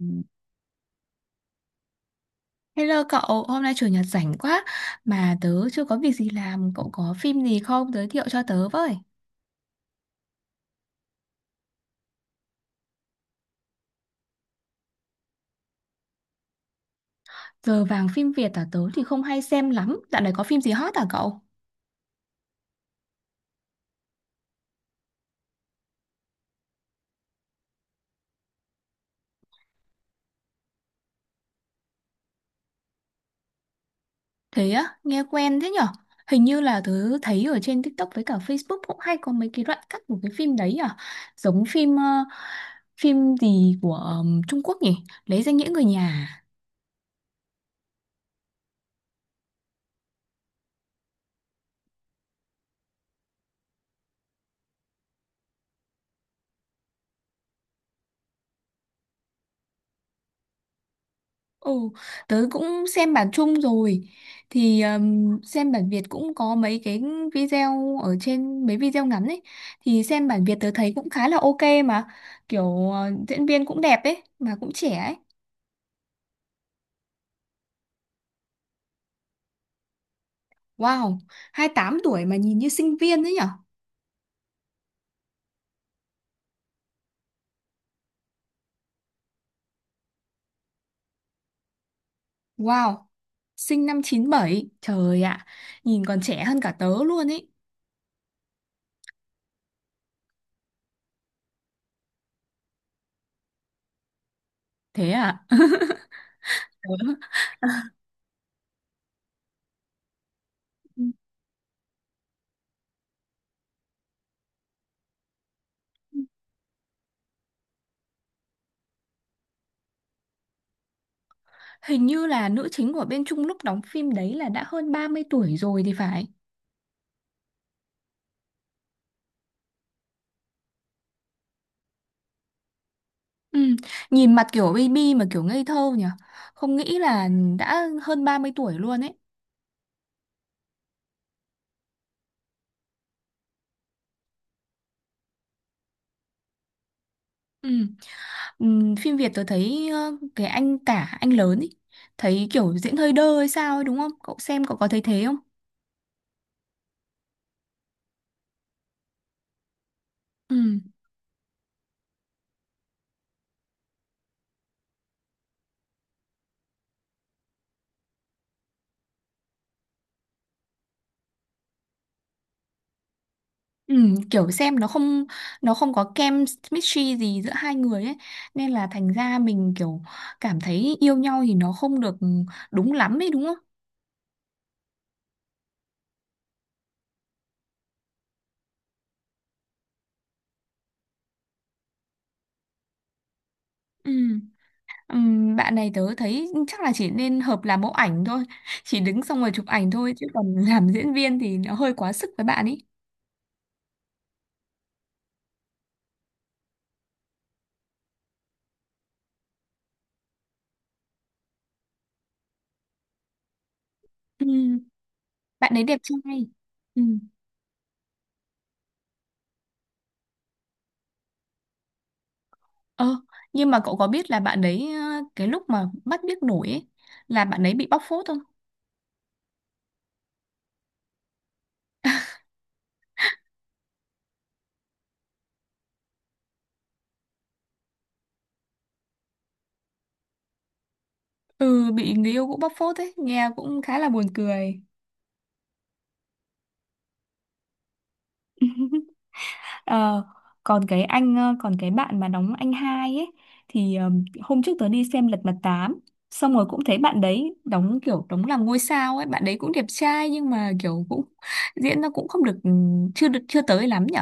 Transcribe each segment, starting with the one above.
Ừ. Hello cậu, hôm nay chủ nhật rảnh quá mà tớ chưa có việc gì làm, cậu có phim gì không giới thiệu cho tớ với. Giờ vàng phim Việt à, tớ thì không hay xem lắm, dạo này có phim gì hot à cậu? Thế á, nghe quen thế nhở? Hình như là tớ thấy ở trên TikTok với cả Facebook cũng hay có mấy cái đoạn cắt của cái phim đấy, à, giống phim, phim gì của Trung Quốc nhỉ? Lấy danh nghĩa người nhà, à? Ồ, tớ cũng xem bản chung rồi thì xem bản Việt cũng có mấy cái video ở trên, mấy video ngắn ấy, thì xem bản Việt tớ thấy cũng khá là ok mà kiểu diễn viên cũng đẹp ấy mà cũng trẻ ấy. Wow, 28 tuổi mà nhìn như sinh viên ấy nhở. Wow, sinh năm 97, trời ạ, nhìn còn trẻ hơn cả tớ luôn ấy. Thế à. Tớ-. Hình như là nữ chính của bên Trung lúc đóng phim đấy là đã hơn 30 tuổi rồi thì phải. Ừ, nhìn mặt kiểu baby mà kiểu ngây thơ nhỉ, không nghĩ là đã hơn 30 tuổi luôn ấy. Ừ. Ừ, phim Việt tôi thấy cái anh lớn ấy thấy kiểu diễn hơi đơ hay sao ấy, đúng không? Cậu xem cậu có thấy thế không? Ừ. Ừ, kiểu xem nó không, nó không có kem chemistry gì giữa hai người ấy, nên là thành ra mình kiểu cảm thấy yêu nhau thì nó không được đúng lắm ấy, đúng không? Ừ. Bạn này tớ thấy chắc là chỉ nên hợp làm mẫu ảnh thôi, chỉ đứng xong rồi chụp ảnh thôi chứ còn làm diễn viên thì nó hơi quá sức với bạn ấy. Ừm, Bạn đấy đẹp trai. Ừm, ờ nhưng mà cậu có biết là bạn đấy, cái lúc mà bắt biết nổi ấy là bạn ấy bị bóc phốt không? Ừ, bị người yêu cũng bóc phốt ấy, nghe cũng khá là buồn cười. Ờ, còn còn cái bạn mà đóng anh hai ấy thì, hôm trước tớ đi xem Lật Mặt 8 xong rồi cũng thấy bạn đấy đóng kiểu đóng làm ngôi sao ấy, bạn đấy cũng đẹp trai nhưng mà kiểu cũng diễn nó cũng không được, ừ, chưa tới lắm nhở.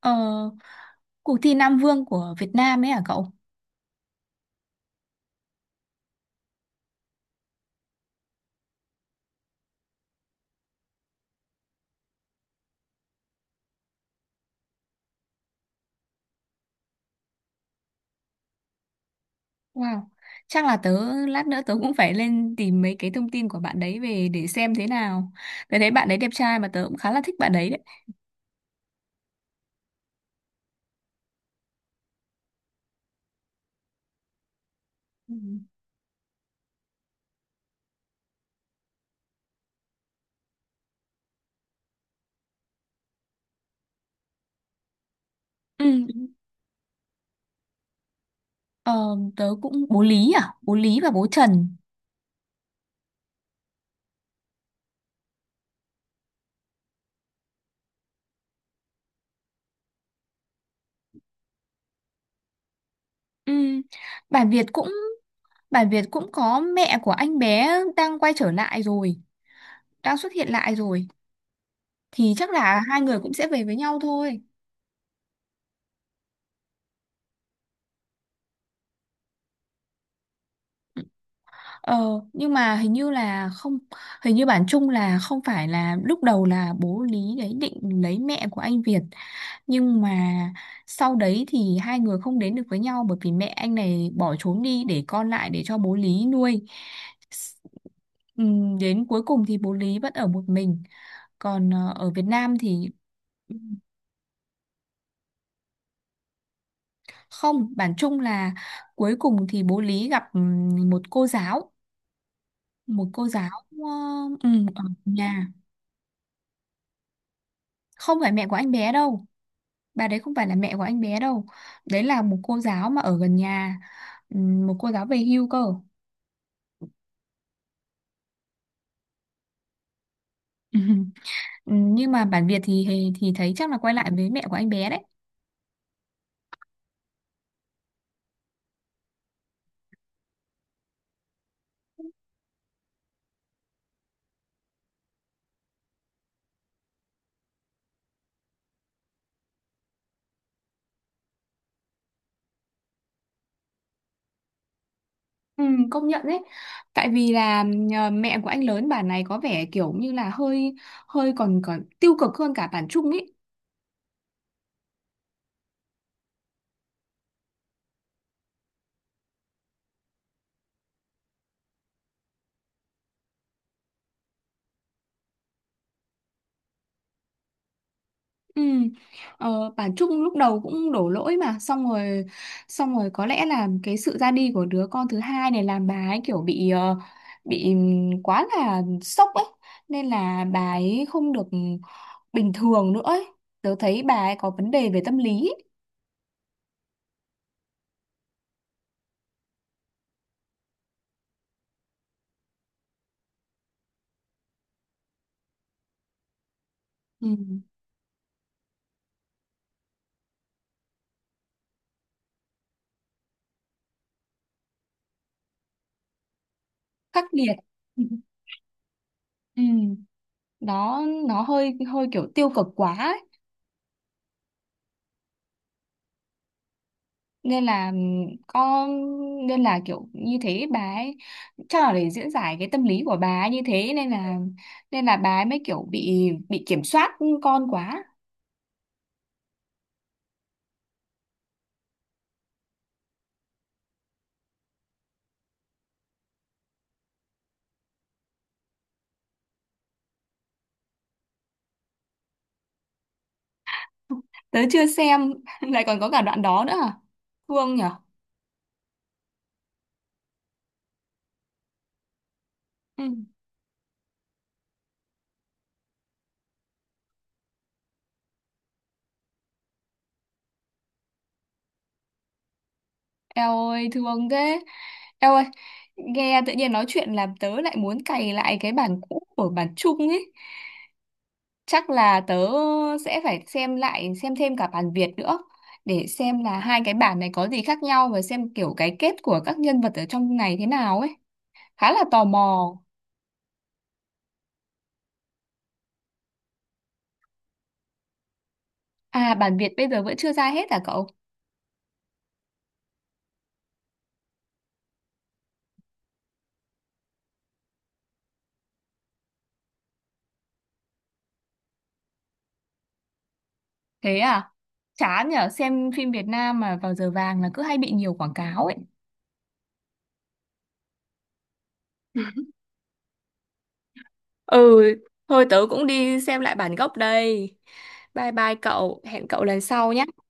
ờ, Cuộc thi Nam Vương của Việt Nam ấy à cậu? Wow, chắc là tớ lát nữa tớ cũng phải lên tìm mấy cái thông tin của bạn đấy về để xem thế nào, tớ thấy bạn đấy đẹp trai mà tớ cũng khá là thích bạn đấy đấy. Ừ. Ừ. Ờ, tớ cũng bố Lý à, bố Lý và bố Trần. Ừm, Bản Việt cũng Bản Việt cũng có mẹ của anh bé đang quay trở lại rồi, đang xuất hiện lại rồi, thì chắc là hai người cũng sẽ về với nhau thôi. Ờ, nhưng mà hình như là không, hình như bản chung là không phải, là lúc đầu là bố Lý đấy định lấy mẹ của anh Việt, nhưng mà sau đấy thì hai người không đến được với nhau bởi vì mẹ anh này bỏ trốn đi để con lại để cho bố Lý nuôi. S- Đến cuối cùng thì bố Lý vẫn ở một mình, còn ở Việt Nam thì không, bản chung là cuối cùng thì bố Lý gặp một cô giáo, một cô giáo ờ, ừ, ở nhà, không phải mẹ của anh bé đâu, bà đấy không phải là mẹ của anh bé đâu, đấy là một cô giáo mà ở gần nhà. Ừ, một cô giáo về hưu cơ. Ừ. Ừ, nhưng mà bản Việt thì thấy chắc là quay lại với mẹ của anh bé đấy. Ừ, công nhận đấy, tại vì là mẹ của anh lớn bản này có vẻ kiểu như là hơi, hơi còn còn tiêu cực hơn cả bản Trung ý. Ừ. Ờ, bà Trúc lúc đầu cũng đổ lỗi mà, xong rồi có lẽ là cái sự ra đi của đứa con thứ hai này làm bà ấy kiểu bị quá là sốc ấy, nên là bà ấy không được bình thường nữa ấy. Tớ thấy bà ấy có vấn đề về tâm lý ấy. Ừ. Khắc nghiệt, ừ. Ừ. Đó, nó hơi hơi kiểu tiêu cực quá ấy. Nên là có, nên là kiểu như thế bà ấy chắc là để diễn giải cái tâm lý của bà ấy như thế, nên là bà ấy mới kiểu bị kiểm soát con quá. Tớ chưa xem, lại còn có cả đoạn đó nữa à? Thương nhở. Ừ. Eo ơi thương thế, eo ơi, nghe tự nhiên nói chuyện làm tớ lại muốn cày lại cái bản cũ của bản chung ấy, chắc là tớ sẽ phải xem lại, xem thêm cả bản Việt nữa để xem là hai cái bản này có gì khác nhau và xem kiểu cái kết của các nhân vật ở trong này thế nào ấy, khá là tò mò. À, bản Việt bây giờ vẫn chưa ra hết à cậu? Thế à, chán nhở, xem phim Việt Nam mà vào giờ vàng là cứ hay bị nhiều quảng cáo ấy. Ừ, thôi tớ cũng đi xem lại bản gốc đây. Bye bye cậu, hẹn cậu lần sau nhé.